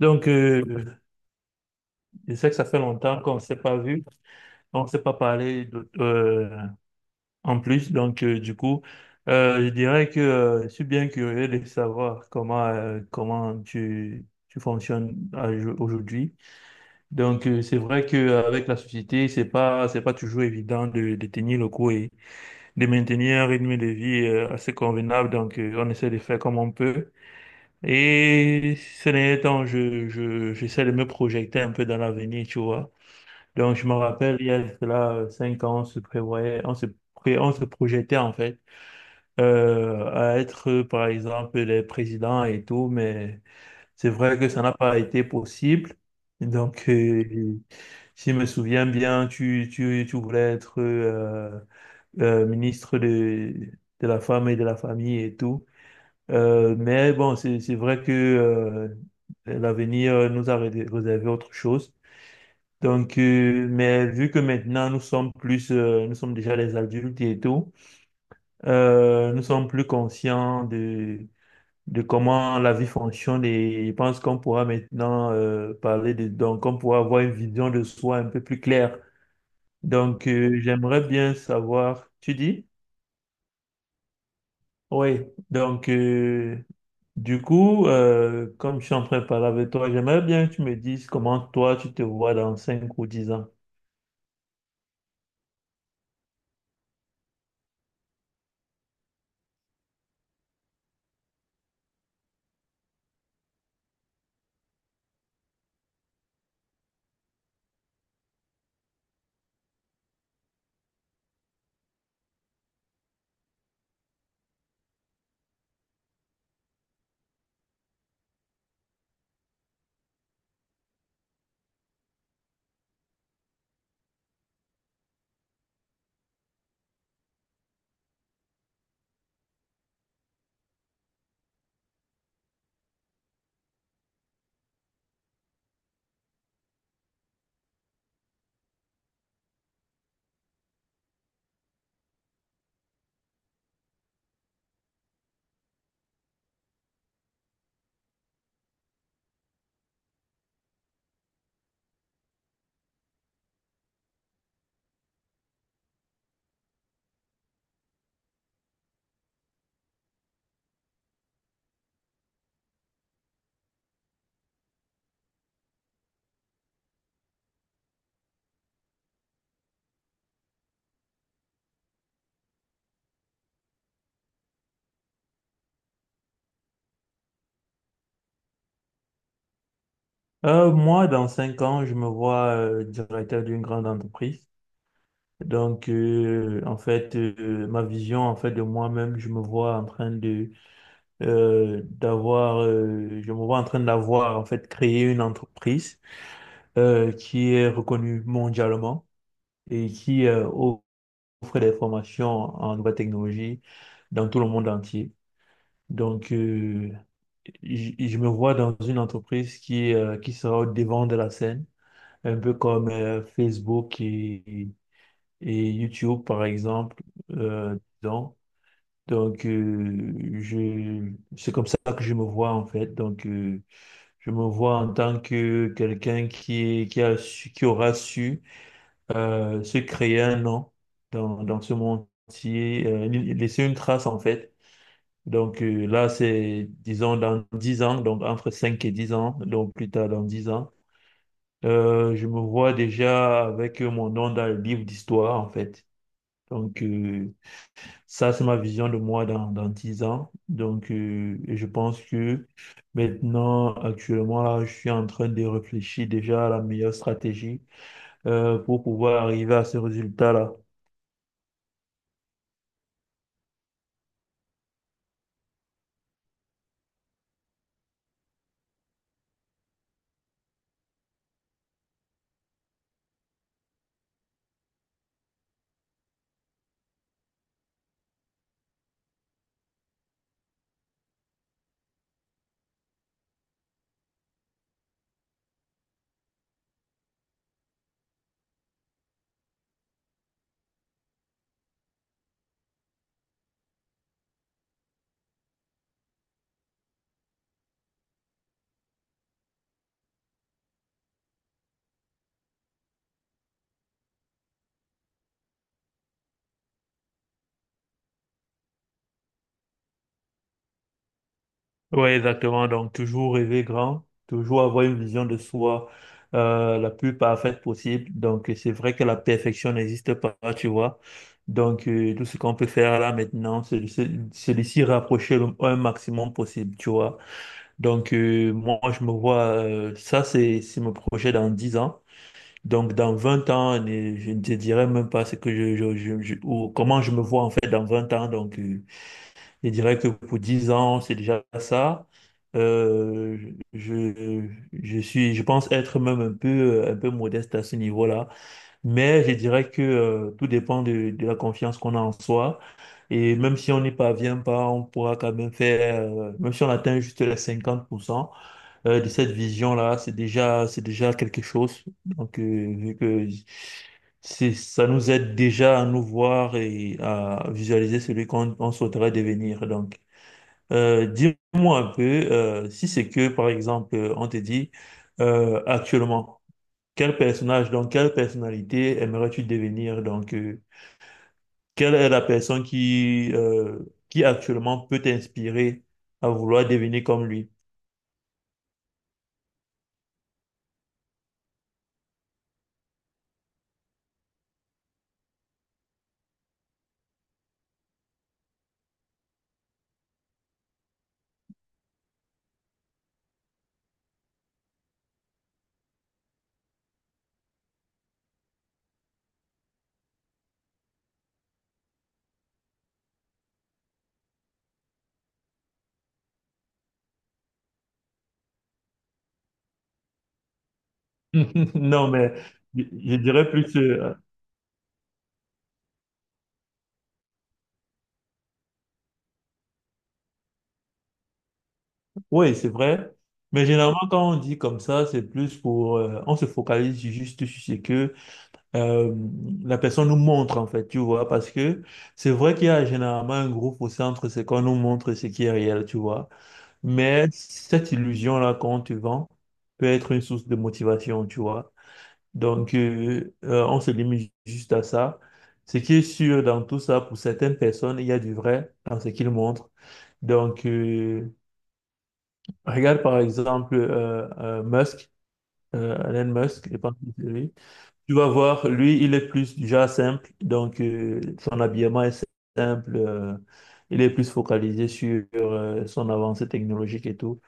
Donc, euh, je sais que ça fait longtemps qu'on ne s'est pas vu, on ne s'est pas en plus. Je dirais que je suis bien curieux de savoir comment tu aujourd'hui. C'est vrai qu'avec la société, c'est pas toujours évident de tenir le coup et de maintenir un rythme de vie, assez convenable. On essaie de faire comme on peut. Et ces derniers temps, j'essaie de me projeter un peu dans l'avenir, tu vois. Donc, je me rappelle, il y a cela cinq ans, on se prévoyait, on se projetait en fait, à être, par exemple, les présidents et tout, mais c'est vrai que ça n'a pas été possible. Donc, euh, Si je me souviens bien, tu voulais être ministre de la femme et de la famille et tout. Mais bon, c'est vrai que l'avenir nous a réservé autre chose. Mais vu que maintenant nous sommes nous sommes déjà des adultes et tout, nous sommes plus conscients de comment la vie fonctionne et je pense qu'on pourra maintenant parler de, donc on pourra avoir une vision de soi un peu plus claire. J'aimerais bien savoir, tu dis? Oui, donc, comme je suis en train de parler avec toi, j'aimerais bien que tu me dises comment toi tu te vois dans 5 ou 10 ans. Moi, dans cinq ans, je me vois directeur d'une grande entreprise. Donc, ma vision en fait de moi-même, je me vois en train je me vois en train d'avoir en fait créé une entreprise. Euh, qui est reconnu mondialement et qui offre des formations en nouvelles technologies dans tout le monde entier. Donc, euh, je me vois dans une entreprise qui sera au devant de la scène, un peu comme Facebook et YouTube, par exemple. euh, donc, donc, euh, je, c'est comme ça que je me vois, en fait. Je me vois en tant que quelqu'un qui aura su se créer un nom dans ce monde entier, laisser une trace en fait. Là, c'est, disons, dans 10 ans, donc entre 5 et 10 ans, donc plus tard dans 10 ans, je me vois déjà avec mon nom dans le livre d'histoire en fait. Donc euh, Ça, c'est ma vision de moi dans 10 ans. Je pense que maintenant, actuellement, là, je suis en train de réfléchir déjà à la meilleure stratégie pour pouvoir arriver à ce résultat-là. Oui, exactement. Donc, toujours rêver grand, toujours avoir une vision de soi, la plus parfaite possible. Donc, c'est vrai que la perfection n'existe pas, tu vois. Tout ce qu'on peut faire là maintenant, c'est de s'y rapprocher le un maximum possible, tu vois. Moi, je me vois, ça, c'est mon projet dans 10 ans. Donc, dans 20 ans, je ne te dirai même pas ce que ou comment je me vois en fait dans 20 ans. Je dirais que pour 10 ans, c'est déjà ça. Euh, je, je suis, je pense être même un un peu modeste à ce niveau-là. Mais je dirais que tout dépend de la confiance qu'on a en soi. Et même si on n'y parvient pas, on pourra quand même faire, même si on atteint juste les 50% de cette vision-là, c'est déjà quelque chose. Vu que c'est, ça nous aide déjà à nous voir et à visualiser celui qu'on on souhaiterait devenir. Dis-moi un peu, si c'est que, par exemple, on te dit actuellement, quel personnage, donc quelle personnalité aimerais-tu devenir? Quelle est la personne qui actuellement peut t'inspirer à vouloir devenir comme lui? Non, mais je, je dirais plus, euh, oui, c'est vrai. Mais généralement, quand on dit comme ça, c'est plus pour, on se focalise juste sur ce que euh, la personne nous montre en fait, tu vois, parce que c'est vrai qu'il y a généralement un groupe au centre, c'est qu'on nous montre ce qui est réel, tu vois. Mais cette illusion-là qu'on te vend peut être une source de motivation, tu vois. Donc, on se limite juste à ça. Ce qui est sûr dans tout ça, pour certaines personnes, il y a du vrai dans ce qu'ils montrent. Donc, euh, Regarde par exemple, Musk, Elon Musk, je pense que c'est lui. Tu vas voir, lui, il est plus du genre simple, son habillement est simple, il est plus focalisé sur son avancée technologique et tout.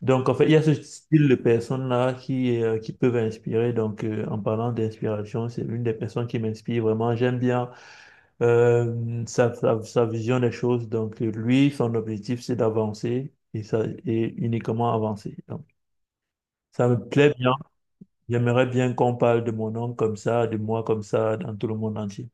Donc, en fait, il y a ce style de personnes-là qui peuvent inspirer. En parlant d'inspiration, c'est une des personnes qui m'inspire vraiment. J'aime bien sa vision des choses. Lui, son objectif, c'est d'avancer et, ça, et uniquement avancer. Donc, ça me plaît bien. J'aimerais bien qu'on parle de mon nom comme ça, de moi comme ça, dans tout le monde entier.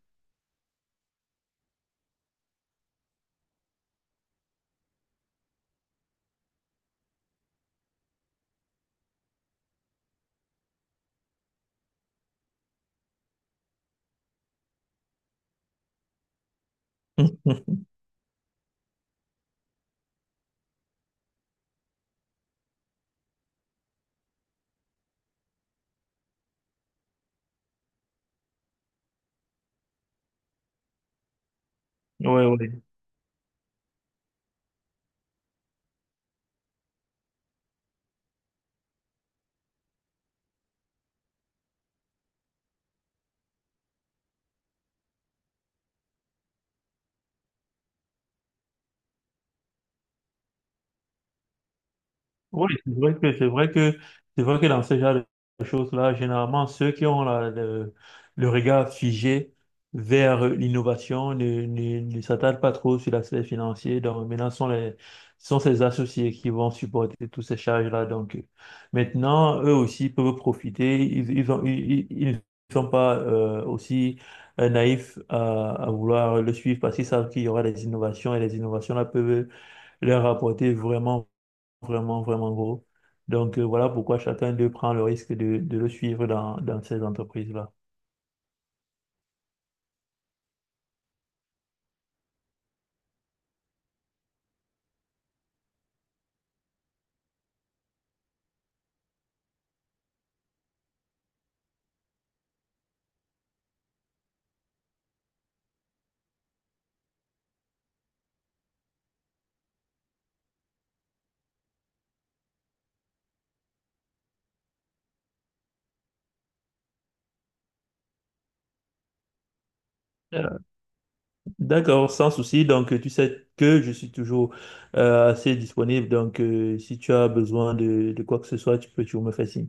Ouais, ouais. Oui, c'est vrai que c'est vrai que c'est vrai que dans ce genre de choses-là, généralement ceux qui le regard figé vers l'innovation ne s'attardent pas trop sur l'aspect financier. Donc maintenant, ce sont ces associés qui vont supporter toutes ces charges-là. Maintenant, eux aussi peuvent profiter. Ils ont ils, ils Ils ne sont pas aussi naïfs à vouloir le suivre parce qu'ils savent qu'il y aura des innovations et les innovations là peuvent leur apporter vraiment gros. Voilà pourquoi chacun d'eux prend le risque de le suivre dans ces entreprises-là. Euh, D'accord, sans souci. Tu sais que je suis toujours assez disponible. Si tu as besoin de quoi que ce soit, tu peux toujours me faire signe.